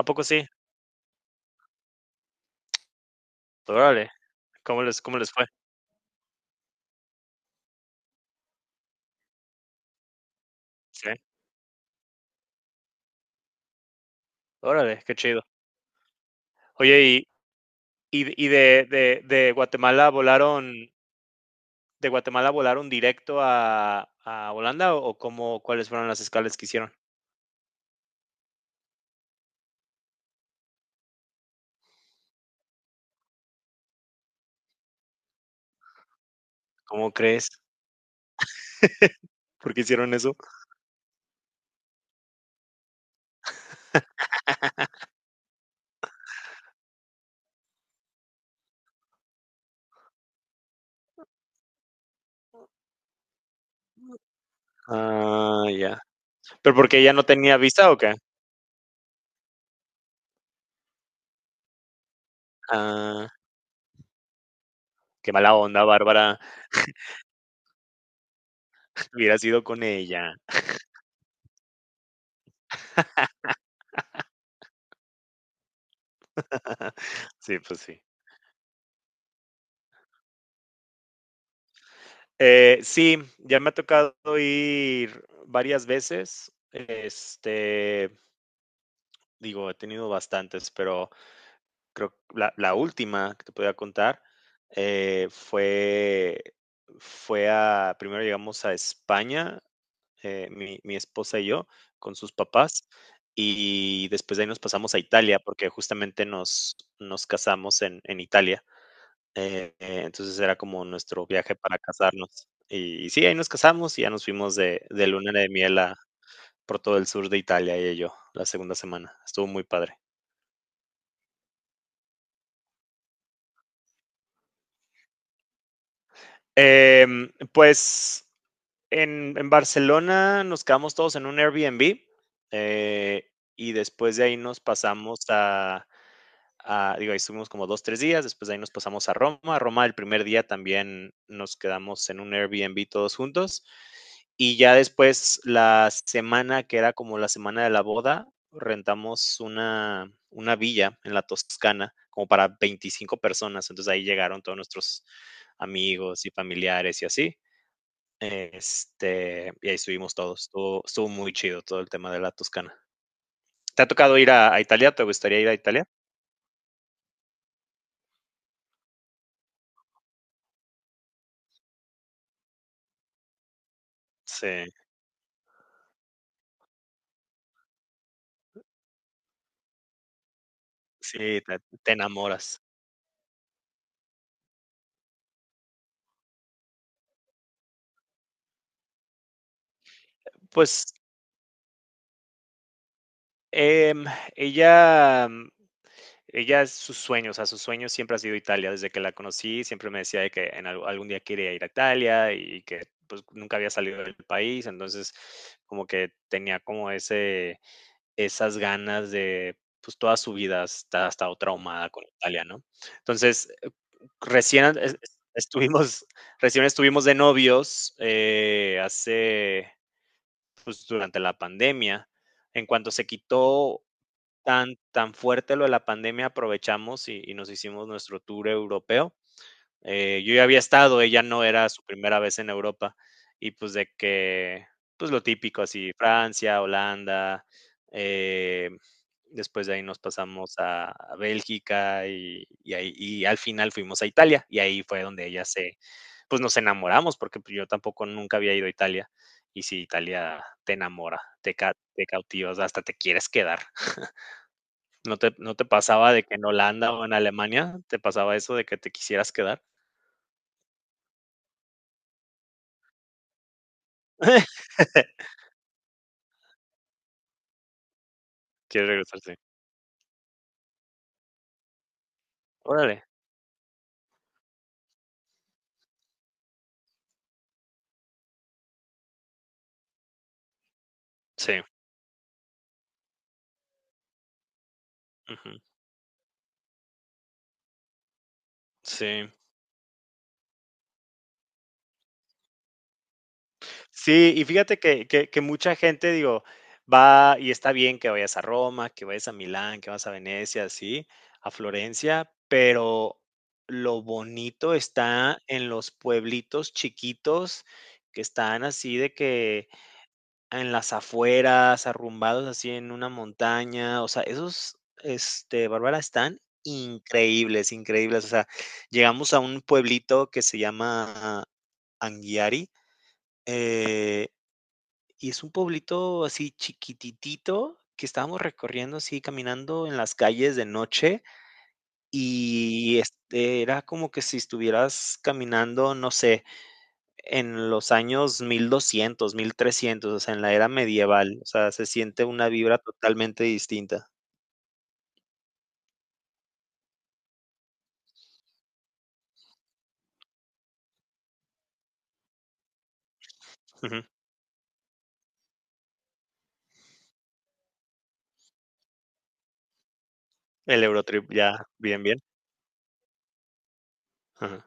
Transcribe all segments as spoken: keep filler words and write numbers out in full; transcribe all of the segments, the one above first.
¿A poco sí? Órale, ¿cómo les cómo les fue? Sí, órale, qué chido. Oye, y y y de de de Guatemala volaron de Guatemala volaron directo a a Holanda, ¿o cómo cuáles fueron las escalas que hicieron? ¿Cómo crees? ¿Por qué hicieron eso? Ah, ya. ¿Pero porque ella no tenía visa o qué? Ah, qué mala onda, Bárbara. Hubiera sido con ella. Sí, pues sí. Eh, sí, ya me ha tocado ir varias veces, este digo, he tenido bastantes, pero creo que la, la última que te podía contar eh, fue, fue a, primero llegamos a España, eh, mi, mi esposa y yo, con sus papás, y después de ahí nos pasamos a Italia, porque justamente nos, nos casamos en, en Italia. Eh, eh, entonces era como nuestro viaje para casarnos. Y, y sí, ahí nos casamos y ya nos fuimos de, de luna de miel a, por todo el sur de Italia, ella y yo, la segunda semana. Estuvo muy padre. Eh, pues en, en Barcelona nos quedamos todos en un Airbnb, eh, y después de ahí nos pasamos a, a- digo, ahí estuvimos como dos, tres días, después de ahí nos pasamos a Roma. A Roma el primer día también nos quedamos en un Airbnb todos juntos. Y ya después la semana que era como la semana de la boda, rentamos una, una villa en la Toscana como para veinticinco personas. Entonces ahí llegaron todos nuestros amigos y familiares y así. Este, y ahí estuvimos todos. Estuvo estuvo muy chido todo el tema de la Toscana. ¿Te ha tocado ir a a Italia? ¿Te gustaría ir a Italia? Sí, sí, te te enamoras. Pues, em, ella mm, ella es su sueño, o sea, su sueño siempre ha sido Italia. Desde que la conocí, siempre me decía de que en alg algún día quería ir a Italia y que, pues, nunca había salido del país. Entonces, como que tenía como ese Esas ganas de, pues, toda su vida está ha estado traumada con Italia, ¿no? Entonces, eh, recién es es estuvimos recién estuvimos de novios, eh, hace, pues, durante la pandemia. En cuanto se quitó tan tan fuerte lo de la pandemia, aprovechamos y y nos hicimos nuestro tour europeo. Eh, yo ya había estado, ella no era su primera vez en Europa y pues de que, pues lo típico, así Francia, Holanda, eh, después de ahí nos pasamos a, a, Bélgica y, y ahí, y al final fuimos a Italia y ahí fue donde ella se, pues nos enamoramos porque pues, yo tampoco nunca había ido a Italia, y si Italia te enamora, te, ca- te cautivas, hasta te quieres quedar. ¿No te, ¿No te, pasaba de que en Holanda o en Alemania te pasaba eso de que te quisieras quedar? Quiere regresar, sí. Órale. Sí, ujú, sí. Sí, y fíjate que que que mucha gente, digo, va y está bien que vayas a Roma, que vayas a Milán, que vas a Venecia, sí, a Florencia, pero lo bonito está en los pueblitos chiquitos que están así de que en las afueras, arrumbados así en una montaña, o sea, esos, este, Bárbara, están increíbles, increíbles. O sea, llegamos a un pueblito que se llama Anguiari, eh, y es un pueblito así chiquititito que estábamos recorriendo así, caminando en las calles de noche, y este, era como que si estuvieras caminando, no sé, en los años mil doscientos, mil trescientos, o sea, en la era medieval, o sea, se siente una vibra totalmente distinta. Ujú. El Eurotrip, ya, bien, bien. Ajá,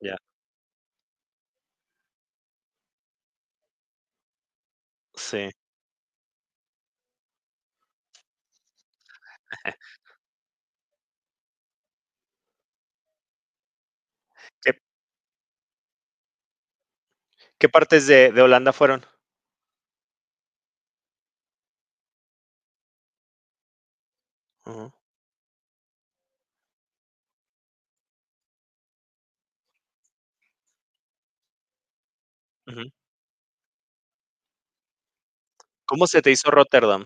ya, sí. ¿Qué qué partes de de Holanda fueron? Ujú, ujú. ¿Cómo se te hizo Rotterdam?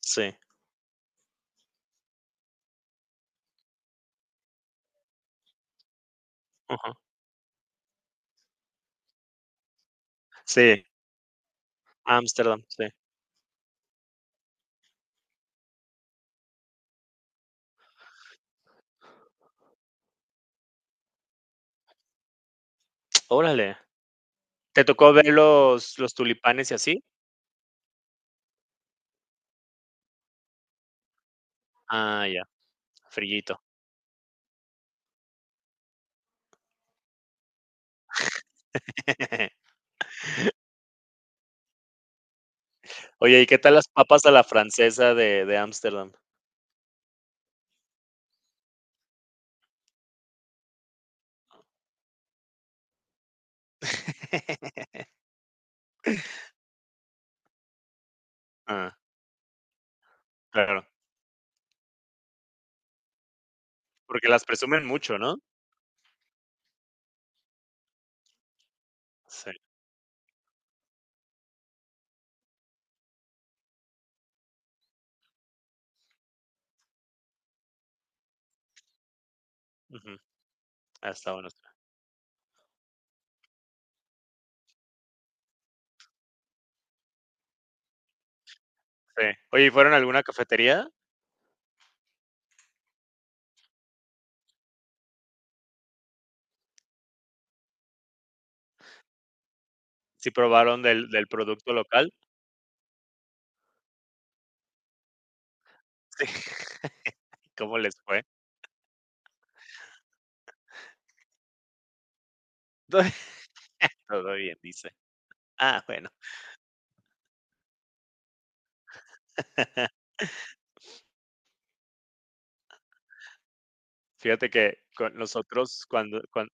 Sí, ujú, sí, Ámsterdam, sí. Órale, ¿te tocó ver los los tulipanes y así? Ah, ya, frillito. Oye, ¿y qué tal las papas a la francesa de de Ámsterdam? Ah, claro. Porque las presumen mucho, ¿no? Sí, ujú, ah, está bueno, sí. Oye, ¿y fueron a alguna cafetería? ¿Sí probaron del del producto local? Sí, ¿cómo les fue? Todo todo bien, dice. Ah, bueno. Fíjate que con nosotros cuando cuan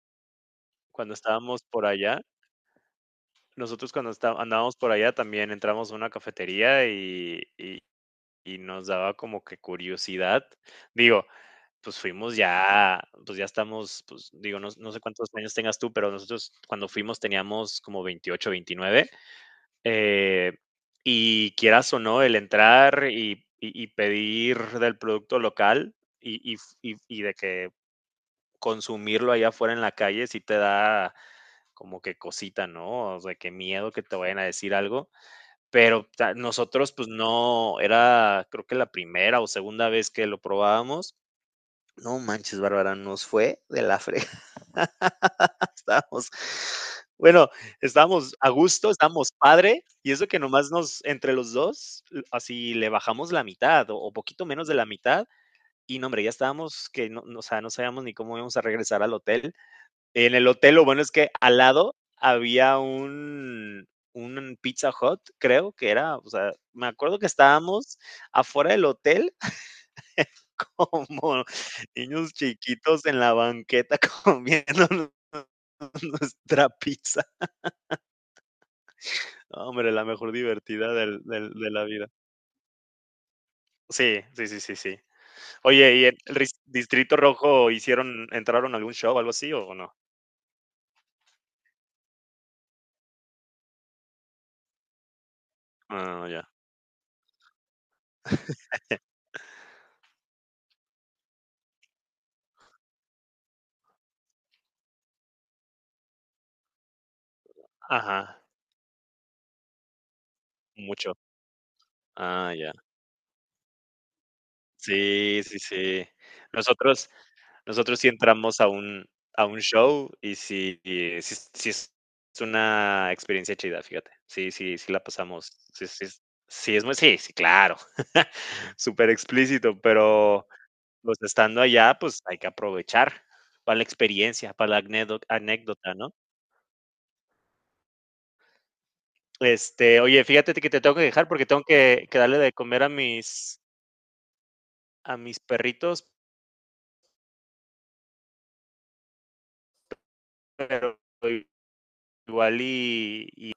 cuando estábamos por allá, nosotros cuando está andábamos por allá también entramos a una cafetería y y y nos daba como que curiosidad. Digo, pues fuimos ya, pues ya estamos, pues digo, no no sé cuántos años tengas tú, pero nosotros cuando fuimos teníamos como veintiocho, veintinueve. eh, y quieras o no, el entrar y y y pedir del producto local y y y y de que consumirlo allá afuera en la calle sí te da como que cosita, ¿no? O sea, que miedo que te vayan a decir algo, pero ta nosotros, pues no, era creo que la primera o segunda vez que lo probábamos. No manches, Bárbara, nos fue de la frega. Estábamos, bueno, estábamos a gusto, estábamos padre, y eso que nomás nos, entre los dos, l- así le bajamos la mitad o, o poquito menos de la mitad, y no, hombre, ya estábamos que, no, no- o sea, no sabíamos ni cómo íbamos a regresar al hotel. En el hotel, lo bueno es que al lado había un, un Pizza Hut, creo que era, o sea, me acuerdo que estábamos afuera del hotel como niños chiquitos en la banqueta comiéndonos nuestra pizza. No, hombre, la mejor divertida del del de la vida. Sí, sí, sí, sí, sí. Oye, ¿y en el ris Distrito Rojo hicieron entraron a algún show, o algo así, o no? Ah, ya. Ajá, mucho. Ah, ya. Sí, sí, sí. Nosotros nosotros sí entramos a un a un show y sí y sí es sí es una experiencia chida, fíjate. Sí, sí, sí la pasamos. Sí, sí es sí es muy sí, sí, claro. Súper explícito, pero, pues, estando allá, pues, hay que aprovechar para la experiencia, para la anécdo anécdota, ¿no? Este, oye, fíjate que te tengo que dejar porque tengo que que darle de comer a mis a mis perritos, pero igual y